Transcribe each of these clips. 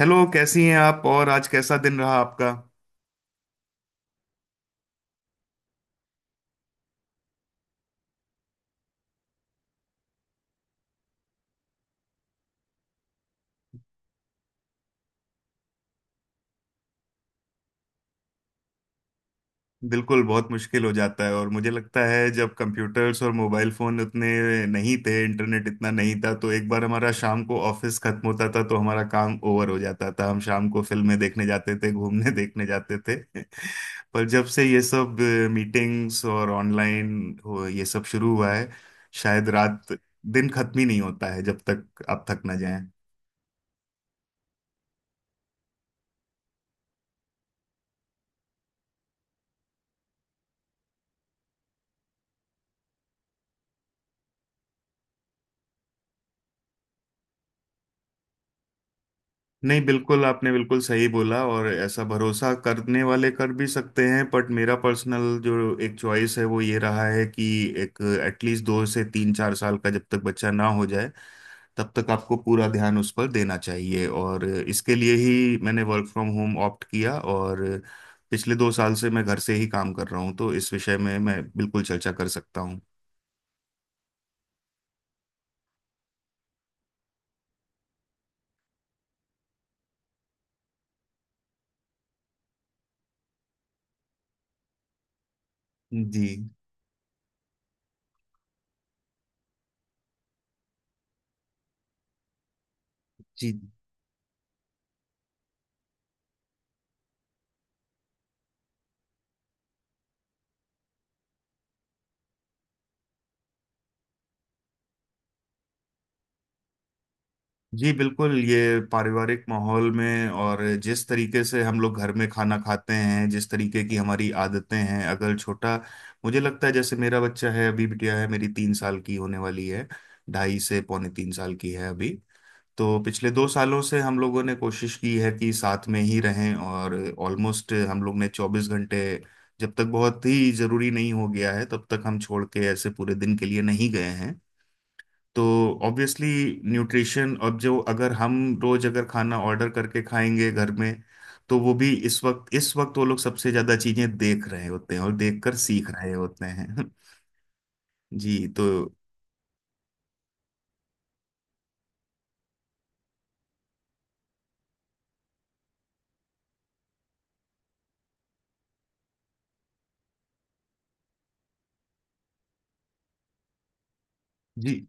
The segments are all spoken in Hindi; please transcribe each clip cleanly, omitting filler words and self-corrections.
हेलो, कैसी हैं आप? और आज कैसा दिन रहा आपका? बिल्कुल, बहुत मुश्किल हो जाता है। और मुझे लगता है, जब कंप्यूटर्स और मोबाइल फोन उतने नहीं थे, इंटरनेट इतना नहीं था, तो एक बार हमारा शाम को ऑफिस खत्म होता था तो हमारा काम ओवर हो जाता था। हम शाम को फिल्में देखने जाते थे, घूमने देखने जाते थे। पर जब से ये सब मीटिंग्स और ऑनलाइन हो, ये सब शुरू हुआ है, शायद रात दिन खत्म ही नहीं होता है जब तक आप थक ना जाएं। नहीं, बिल्कुल। आपने बिल्कुल सही बोला। और ऐसा, भरोसा करने वाले कर भी सकते हैं, बट मेरा पर्सनल जो एक चॉइस है वो ये रहा है कि एक, एटलीस्ट दो से 3 4 साल का जब तक बच्चा ना हो जाए, तब तक आपको पूरा ध्यान उस पर देना चाहिए। और इसके लिए ही मैंने वर्क फ्रॉम होम ऑप्ट किया। और पिछले 2 साल से मैं घर से ही काम कर रहा हूँ, तो इस विषय में मैं बिल्कुल चर्चा कर सकता हूँ। जी। जी। जी बिल्कुल। ये पारिवारिक माहौल में, और जिस तरीके से हम लोग घर में खाना खाते हैं, जिस तरीके की हमारी आदतें हैं, अगर छोटा, मुझे लगता है जैसे मेरा बच्चा है अभी, बिटिया है मेरी, 3 साल की होने वाली है, 2.5 से 2¾ साल की है अभी। तो पिछले 2 सालों से हम लोगों ने कोशिश की है कि साथ में ही रहें। और ऑलमोस्ट हम लोग ने 24 घंटे, जब तक बहुत ही जरूरी नहीं हो गया है तब तक, हम छोड़ के ऐसे पूरे दिन के लिए नहीं गए हैं। तो ऑब्वियसली, न्यूट्रिशन अब जो, अगर हम रोज अगर खाना ऑर्डर करके खाएंगे घर में, तो वो भी, इस वक्त वो लोग सबसे ज्यादा चीजें देख रहे होते हैं और देखकर सीख रहे होते हैं जी, तो जी।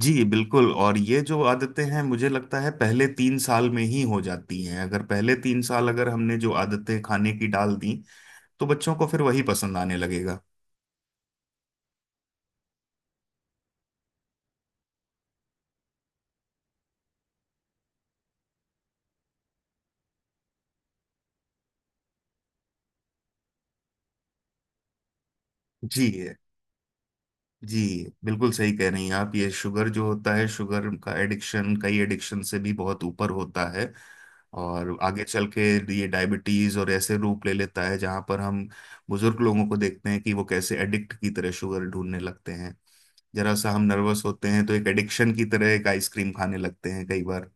जी बिल्कुल। और ये जो आदतें हैं मुझे लगता है पहले 3 साल में ही हो जाती हैं। अगर पहले 3 साल अगर हमने जो आदतें खाने की डाल दी, तो बच्चों को फिर वही पसंद आने लगेगा। जी। जी बिल्कुल सही कह रही हैं आप। ये शुगर जो होता है, शुगर का एडिक्शन कई एडिक्शन से भी बहुत ऊपर होता है। और आगे चल के ये डायबिटीज और ऐसे रूप ले लेता है जहां पर हम बुजुर्ग लोगों को देखते हैं कि वो कैसे एडिक्ट की तरह शुगर ढूंढने लगते हैं। जरा सा हम नर्वस होते हैं तो एक एडिक्शन की तरह एक आइसक्रीम खाने लगते हैं कई बार।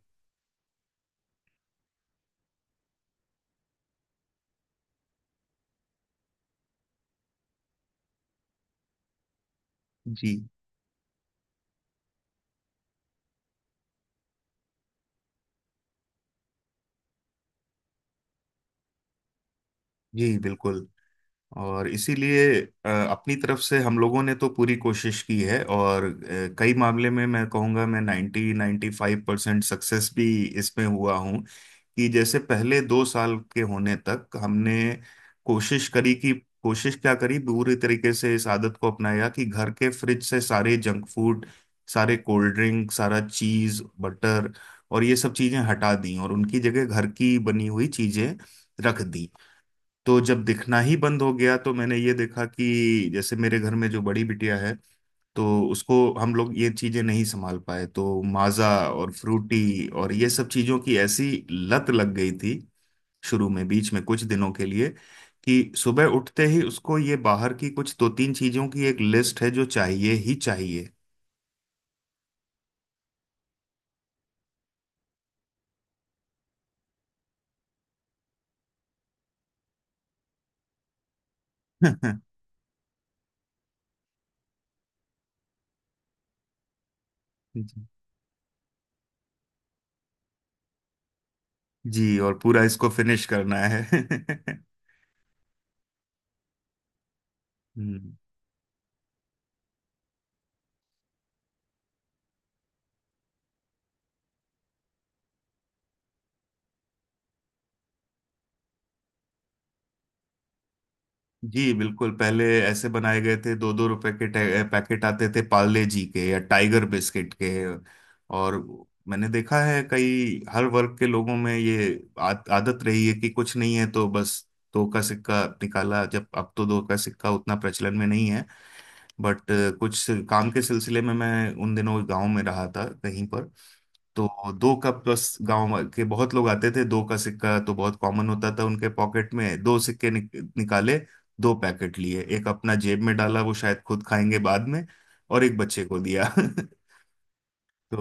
जी। जी बिल्कुल। और इसीलिए, अपनी तरफ से हम लोगों ने तो पूरी कोशिश की है। और कई मामले में मैं कहूँगा मैं 90 नाइन्टी फाइव परसेंट सक्सेस भी इसमें हुआ हूँ। कि जैसे पहले 2 साल के होने तक हमने कोशिश करी कि, कोशिश क्या करी, पूरी तरीके से इस आदत को अपनाया कि घर के फ्रिज से सारे जंक फूड, सारे कोल्ड ड्रिंक, सारा चीज़, बटर और ये सब चीज़ें हटा दी, और उनकी जगह घर की बनी हुई चीज़ें रख दी। तो जब दिखना ही बंद हो गया, तो मैंने ये देखा कि जैसे मेरे घर में जो बड़ी बिटिया है, तो उसको हम लोग ये चीजें नहीं संभाल पाए, तो माजा और फ्रूटी और ये सब चीजों की ऐसी लत लग गई थी, शुरू में, बीच में कुछ दिनों के लिए, कि सुबह उठते ही उसको ये बाहर की कुछ दो तीन चीजों की एक लिस्ट है जो चाहिए ही चाहिए जी। जी, और पूरा इसको फिनिश करना है हम्म। जी बिल्कुल। पहले ऐसे बनाए गए थे, 2-2 रुपए के पैकेट आते थे पार्ले जी के या टाइगर बिस्किट के। और मैंने देखा है कई हर वर्ग के लोगों में ये आदत रही है कि कुछ नहीं है तो बस 2 का सिक्का निकाला। जब, अब तो 2 का सिक्का उतना प्रचलन में नहीं है, बट कुछ, काम के सिलसिले में मैं उन दिनों गांव में रहा था कहीं पर, तो दो का प्लस गांव के बहुत लोग आते थे, दो का सिक्का तो बहुत कॉमन होता था उनके पॉकेट में। दो सिक्के निकाले, दो पैकेट लिए, एक अपना जेब में डाला, वो शायद खुद खाएंगे बाद में, और एक बच्चे को दिया तो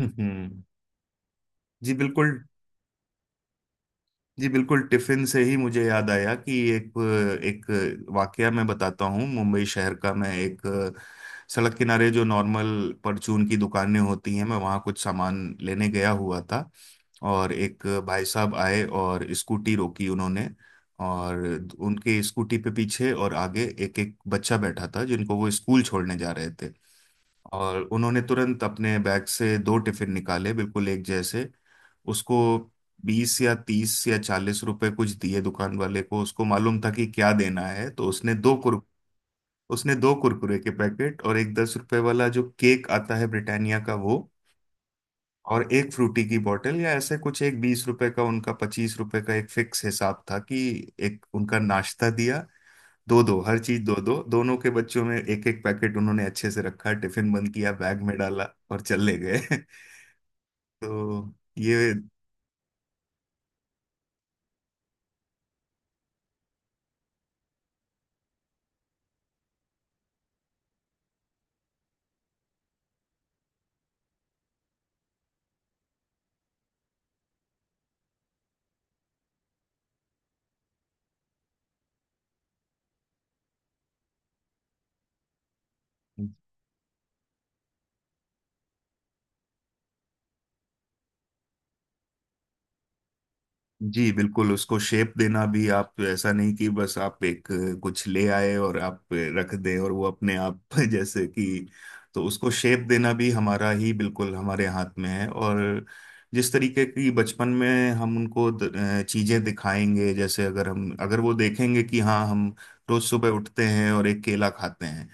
हम्म। जी बिल्कुल। जी बिल्कुल। टिफिन से ही मुझे याद आया कि एक, एक वाकया मैं बताता हूँ मुंबई शहर का। मैं एक सड़क किनारे जो नॉर्मल परचून की दुकानें होती हैं, मैं वहाँ कुछ सामान लेने गया हुआ था। और एक भाई साहब आए और स्कूटी रोकी उन्होंने। और उनके स्कूटी पे पीछे और आगे एक एक बच्चा बैठा था जिनको वो स्कूल छोड़ने जा रहे थे। और उन्होंने तुरंत अपने बैग से दो टिफिन निकाले, बिल्कुल एक जैसे। उसको 20 या 30 या 40 रुपए कुछ दिए दुकान वाले को। उसको मालूम था कि क्या देना है। तो उसने दो कुरकुरे के पैकेट और एक 10 रुपए वाला जो केक आता है ब्रिटानिया का, वो, और एक फ्रूटी की बोतल या ऐसे कुछ, एक 20 रुपए का उनका, 25 रुपए का एक फिक्स हिसाब था कि एक उनका नाश्ता दिया। दो दो हर चीज, दो दो, दोनों के बच्चों में, एक एक पैकेट उन्होंने अच्छे से रखा, टिफिन बंद किया, बैग में डाला और चले गए तो ये, जी बिल्कुल। उसको शेप देना भी, आप ऐसा नहीं कि बस आप एक कुछ ले आए और आप रख दें और वो अपने आप जैसे कि, तो उसको शेप देना भी हमारा ही, बिल्कुल हमारे हाथ में है। और जिस तरीके की बचपन में हम उनको चीजें दिखाएंगे, जैसे अगर हम, अगर वो देखेंगे कि हाँ हम रोज सुबह उठते हैं और एक केला खाते हैं,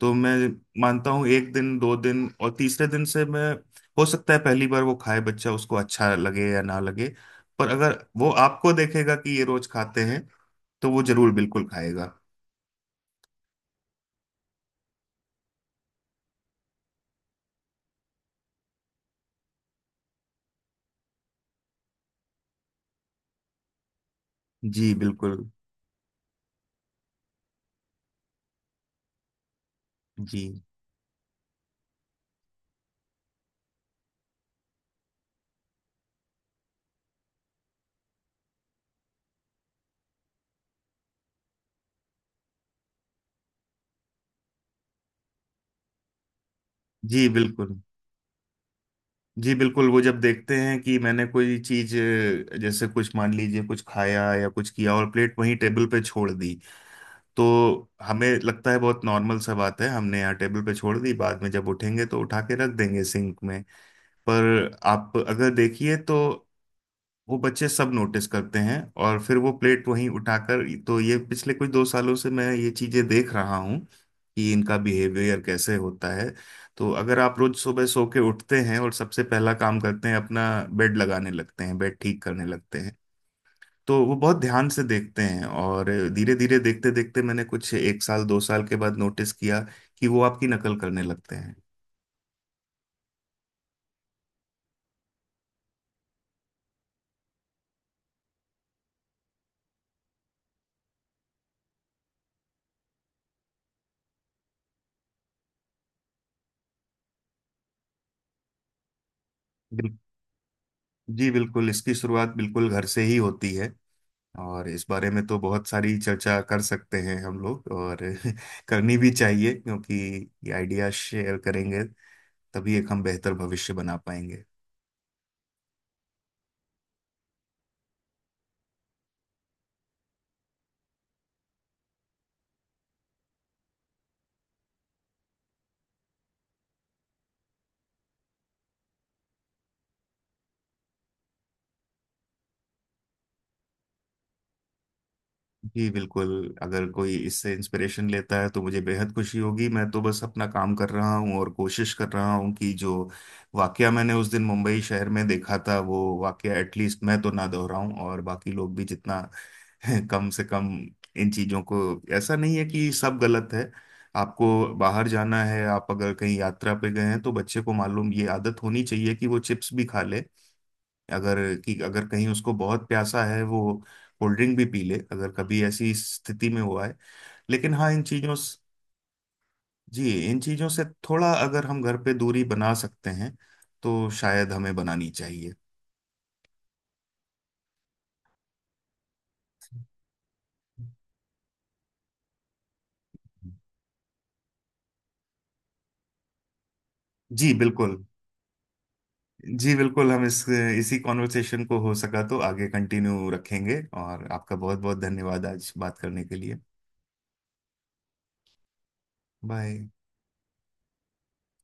तो मैं मानता हूँ एक दिन, दो दिन और तीसरे दिन से मैं, हो सकता है पहली बार वो खाए बच्चा, उसको अच्छा लगे या ना लगे, पर अगर वो आपको देखेगा कि ये रोज खाते हैं, तो वो जरूर बिल्कुल खाएगा। जी बिल्कुल। जी। जी बिल्कुल। जी बिल्कुल। वो जब देखते हैं कि मैंने कोई चीज, जैसे कुछ मान लीजिए कुछ खाया या कुछ किया और प्लेट वहीं टेबल पे छोड़ दी, तो हमें लगता है बहुत नॉर्मल सा बात है, हमने यहाँ टेबल पे छोड़ दी, बाद में जब उठेंगे तो उठा के रख देंगे सिंक में। पर आप अगर देखिए तो वो बच्चे सब नोटिस करते हैं, और फिर वो प्लेट वहीं उठाकर। तो ये पिछले कुछ 2 सालों से मैं ये चीजें देख रहा हूँ कि इनका बिहेवियर कैसे होता है। तो अगर आप रोज सुबह सो के उठते हैं और सबसे पहला काम करते हैं अपना बेड लगाने लगते हैं, बेड ठीक करने लगते हैं, तो वो बहुत ध्यान से देखते हैं। और धीरे धीरे देखते देखते मैंने कुछ एक साल दो साल के बाद नोटिस किया कि वो आपकी नकल करने लगते हैं। बिल- जी बिल्कुल। इसकी शुरुआत बिल्कुल घर से ही होती है। और इस बारे में तो बहुत सारी चर्चा कर सकते हैं हम लोग, और करनी भी चाहिए, क्योंकि ये आइडिया शेयर करेंगे तभी एक हम बेहतर भविष्य बना पाएंगे। जी बिल्कुल। अगर कोई इससे इंस्पिरेशन लेता है तो मुझे बेहद खुशी होगी। मैं तो बस अपना काम कर रहा हूँ और कोशिश कर रहा हूँ कि जो वाकया मैंने उस दिन मुंबई शहर में देखा था, वो वाकया एटलीस्ट मैं तो ना दोहराऊं, और बाकी लोग भी जितना कम से कम इन चीज़ों को, ऐसा नहीं है कि सब गलत है। आपको बाहर जाना है, आप अगर कहीं यात्रा पे गए हैं, तो बच्चे को मालूम, ये आदत होनी चाहिए कि वो चिप्स भी खा ले अगर, कि अगर कहीं उसको बहुत प्यासा है, वो कोल्ड ड्रिंक भी पी ले अगर कभी ऐसी स्थिति में हुआ है। लेकिन हाँ, जी, इन चीजों से थोड़ा अगर हम घर पे दूरी बना सकते हैं तो शायद हमें बनानी चाहिए। जी बिल्कुल। जी बिल्कुल। हम इस इसी कॉन्वर्सेशन को हो सका तो आगे कंटिन्यू रखेंगे। और आपका बहुत बहुत धन्यवाद आज बात करने के लिए। बाय।